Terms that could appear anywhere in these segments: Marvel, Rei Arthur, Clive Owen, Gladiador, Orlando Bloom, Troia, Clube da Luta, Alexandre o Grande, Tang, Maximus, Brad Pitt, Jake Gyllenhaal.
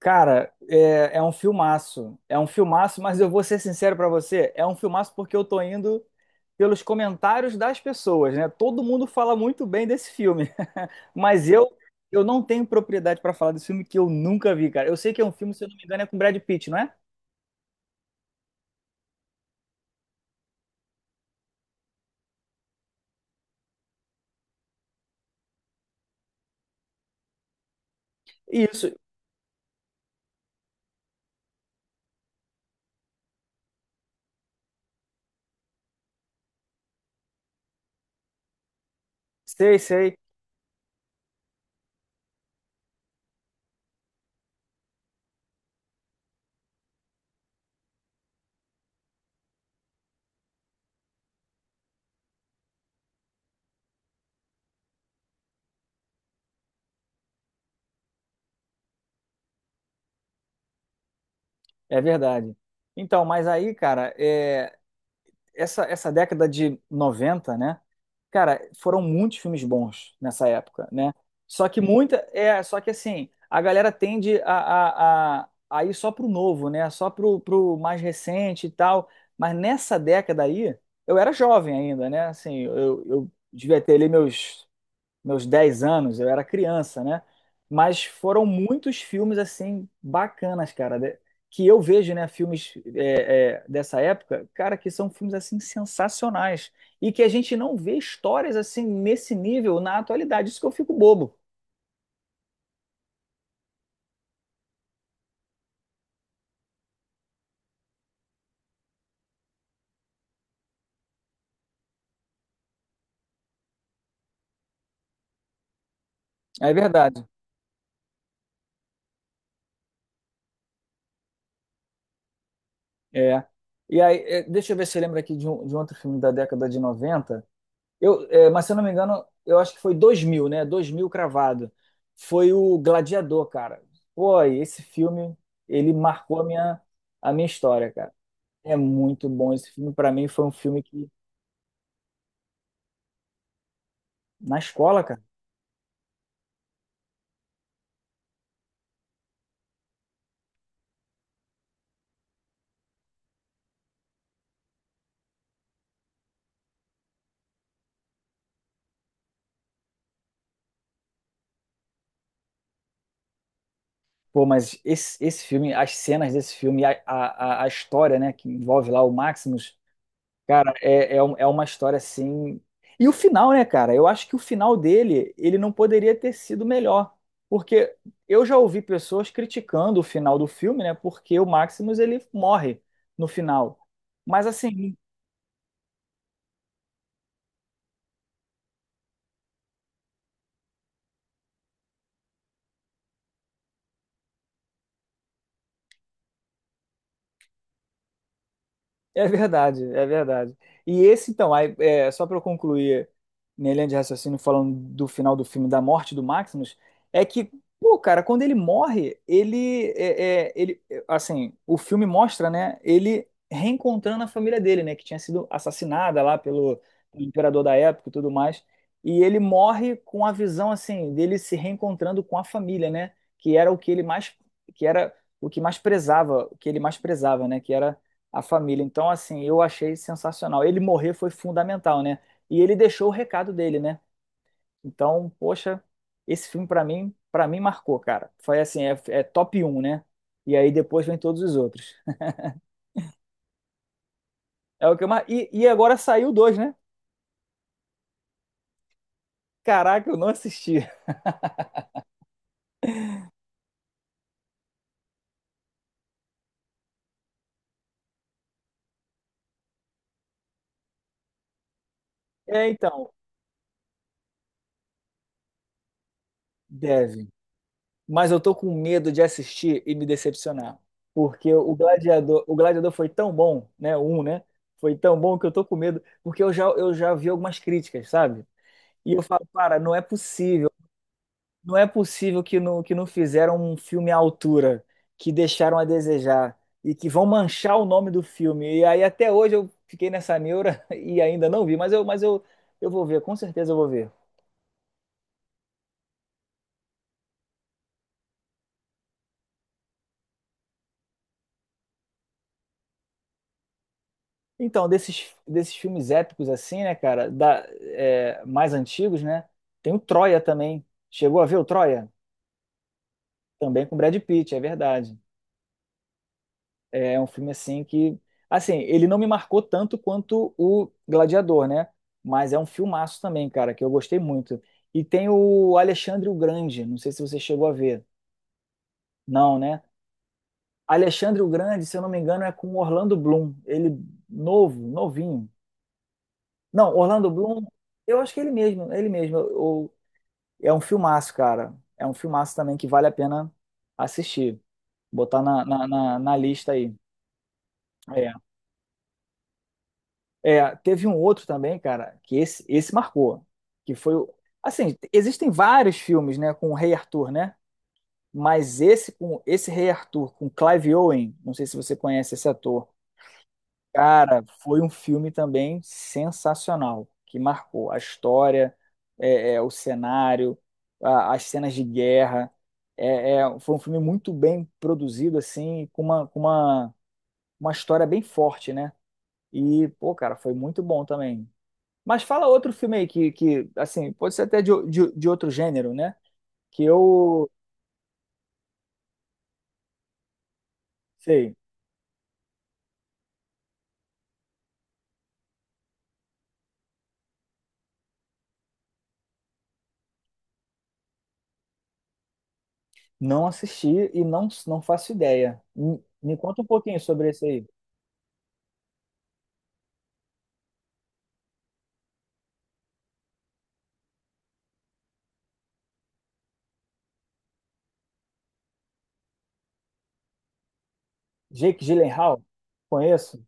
Cara, é um filmaço. É um filmaço, mas eu vou ser sincero pra você, é um filmaço porque eu tô indo pelos comentários das pessoas, né? Todo mundo fala muito bem desse filme, mas eu não tenho propriedade pra falar desse filme que eu nunca vi, cara. Eu sei que é um filme, se eu não me engano, é com Brad Pitt, não é? Isso, sei, sei, é verdade. Então, mas aí, cara. Essa década de noventa, né? Cara, foram muitos filmes bons nessa época, né? Só que muita. É, só que assim, a galera tende a ir só pro novo, né? Só pro mais recente e tal. Mas nessa década aí, eu era jovem ainda, né? Assim, eu devia ter ali meus 10 anos, eu era criança, né? Mas foram muitos filmes, assim, bacanas, cara. Que eu vejo, né? Filmes dessa época, cara, que são filmes assim sensacionais e que a gente não vê histórias assim nesse nível na atualidade. Isso que eu fico bobo. É verdade. É. E aí, deixa eu ver se eu lembro aqui de um outro filme da década de 90. Mas se eu não me engano, eu acho que foi 2000, né? 2000 cravado. Foi o Gladiador, cara. Pô, e esse filme, ele marcou a minha história, cara. É muito bom esse filme. Pra mim, foi um filme que, na escola, cara. Pô, mas esse filme, as cenas desse filme, a história, né, que envolve lá o Maximus, cara, é uma história assim. E o final, né, cara? Eu acho que o final dele, ele não poderia ter sido melhor. Porque eu já ouvi pessoas criticando o final do filme, né, porque o Maximus ele morre no final. Mas assim, é verdade, é verdade. E esse, então, aí, só para eu concluir minha linha de raciocínio falando do final do filme, da morte do Maximus, é que, pô, cara, quando ele morre, ele, assim, o filme mostra, né, ele reencontrando a família dele, né, que tinha sido assassinada lá pelo imperador da época e tudo mais, e ele morre com a visão, assim, dele se reencontrando com a família, né, que era o que ele mais, que era o que mais prezava, o que ele mais prezava, né, que era a família. Então, assim, eu achei sensacional. Ele morrer foi fundamental, né? E ele deixou o recado dele, né? Então, poxa, esse filme para mim marcou, cara. Foi assim, é top 1, né? E aí depois vem todos os outros. É o que eu mar... e agora saiu dois, né? Caraca, eu não assisti. É, então, deve. Mas eu tô com medo de assistir e me decepcionar. Porque o Gladiador foi tão bom, né? O um, né? Foi tão bom que eu tô com medo, porque eu já vi algumas críticas, sabe? E eu falo, cara, não é possível. Não é possível que não fizeram um filme à altura, que deixaram a desejar e que vão manchar o nome do filme. E aí até hoje eu fiquei nessa neura e ainda não vi, mas eu, eu vou ver, com certeza eu vou ver. Então, desses filmes épicos assim, né, cara, mais antigos, né, tem o Troia também. Chegou a ver o Troia? Também com Brad Pitt, é verdade. É um filme assim que, assim, ele não me marcou tanto quanto o Gladiador, né? Mas é um filmaço também, cara, que eu gostei muito. E tem o Alexandre o Grande, não sei se você chegou a ver. Não, né? Alexandre o Grande, se eu não me engano, é com Orlando Bloom. Ele novo, novinho. Não, Orlando Bloom, eu acho que é ele mesmo, é ele mesmo. É um filmaço, cara. É um filmaço também que vale a pena assistir. Botar na lista aí. É. É, teve um outro também, cara, que esse marcou. Que foi. Assim, existem vários filmes, né, com o Rei Arthur, né? Mas esse com esse Rei Arthur, com Clive Owen, não sei se você conhece esse ator. Cara, foi um filme também sensacional, que marcou a história, o cenário, as cenas de guerra. Foi um filme muito bem produzido, assim, com uma história bem forte, né? E, pô, cara, foi muito bom também. Mas fala outro filme aí que assim, pode ser até de outro gênero, né? Que eu, sei, não assisti e não, não faço ideia. Me conta um pouquinho sobre esse aí. Jake Gyllenhaal? Conheço?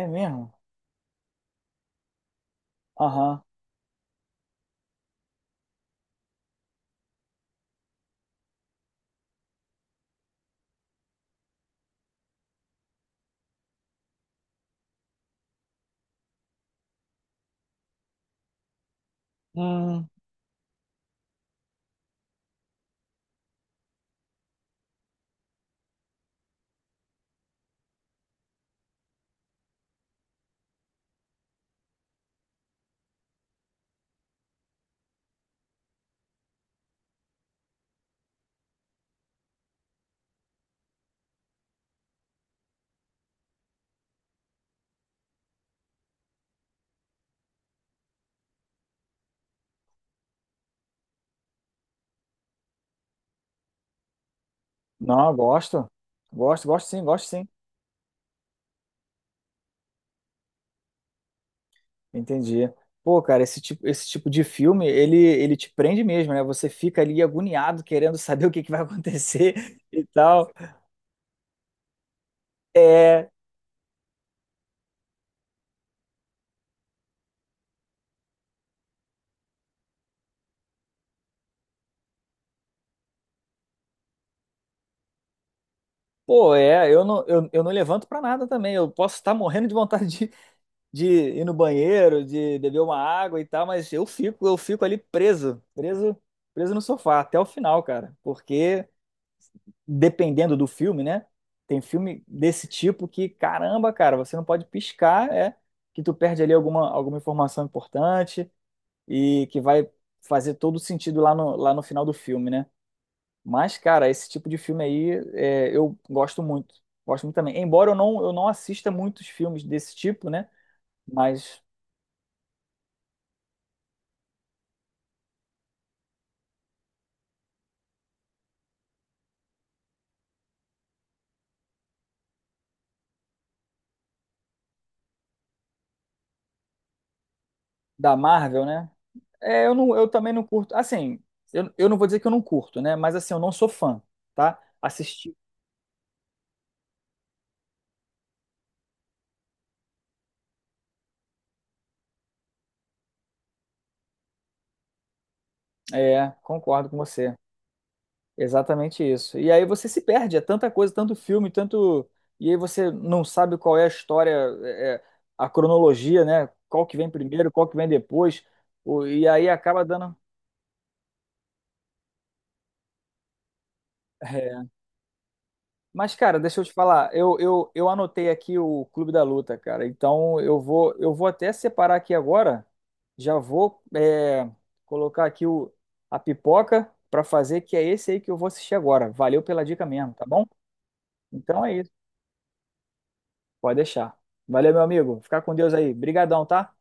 É mesmo? Aham. Hum. Não, eu gosto. Gosto, gosto sim, gosto sim. Entendi. Pô, cara, esse tipo de filme, ele te prende mesmo, né? Você fica ali agoniado, querendo saber o que que vai acontecer e tal. É, pô, eu não levanto pra nada também. Eu posso estar morrendo de vontade de ir no banheiro, de beber uma água e tal, mas eu fico ali preso, preso, preso no sofá até o final, cara. Porque dependendo do filme, né? Tem filme desse tipo que, caramba, cara, você não pode piscar, é que tu perde ali alguma informação importante e que vai fazer todo sentido lá no final do filme, né? Mas, cara, esse tipo de filme aí eu gosto muito. Gosto muito também. Embora eu não assista muitos filmes desse tipo, né? Mas da Marvel, né? É, eu também não curto. Assim, eu não vou dizer que eu não curto, né? Mas assim, eu não sou fã, tá? Assistir. É, concordo com você. Exatamente isso. E aí você se perde, é tanta coisa, tanto filme, tanto. E aí você não sabe qual é a história, é, é, a cronologia, né? Qual que vem primeiro, qual que vem depois. E aí acaba dando. É, mas, cara, deixa eu te falar, eu anotei aqui o Clube da Luta, cara. Então eu vou até separar aqui agora. Já vou, colocar aqui a pipoca pra fazer, que é esse aí que eu vou assistir agora. Valeu pela dica mesmo, tá bom? Então é isso. Pode deixar. Valeu, meu amigo. Fica com Deus aí. Brigadão, tá?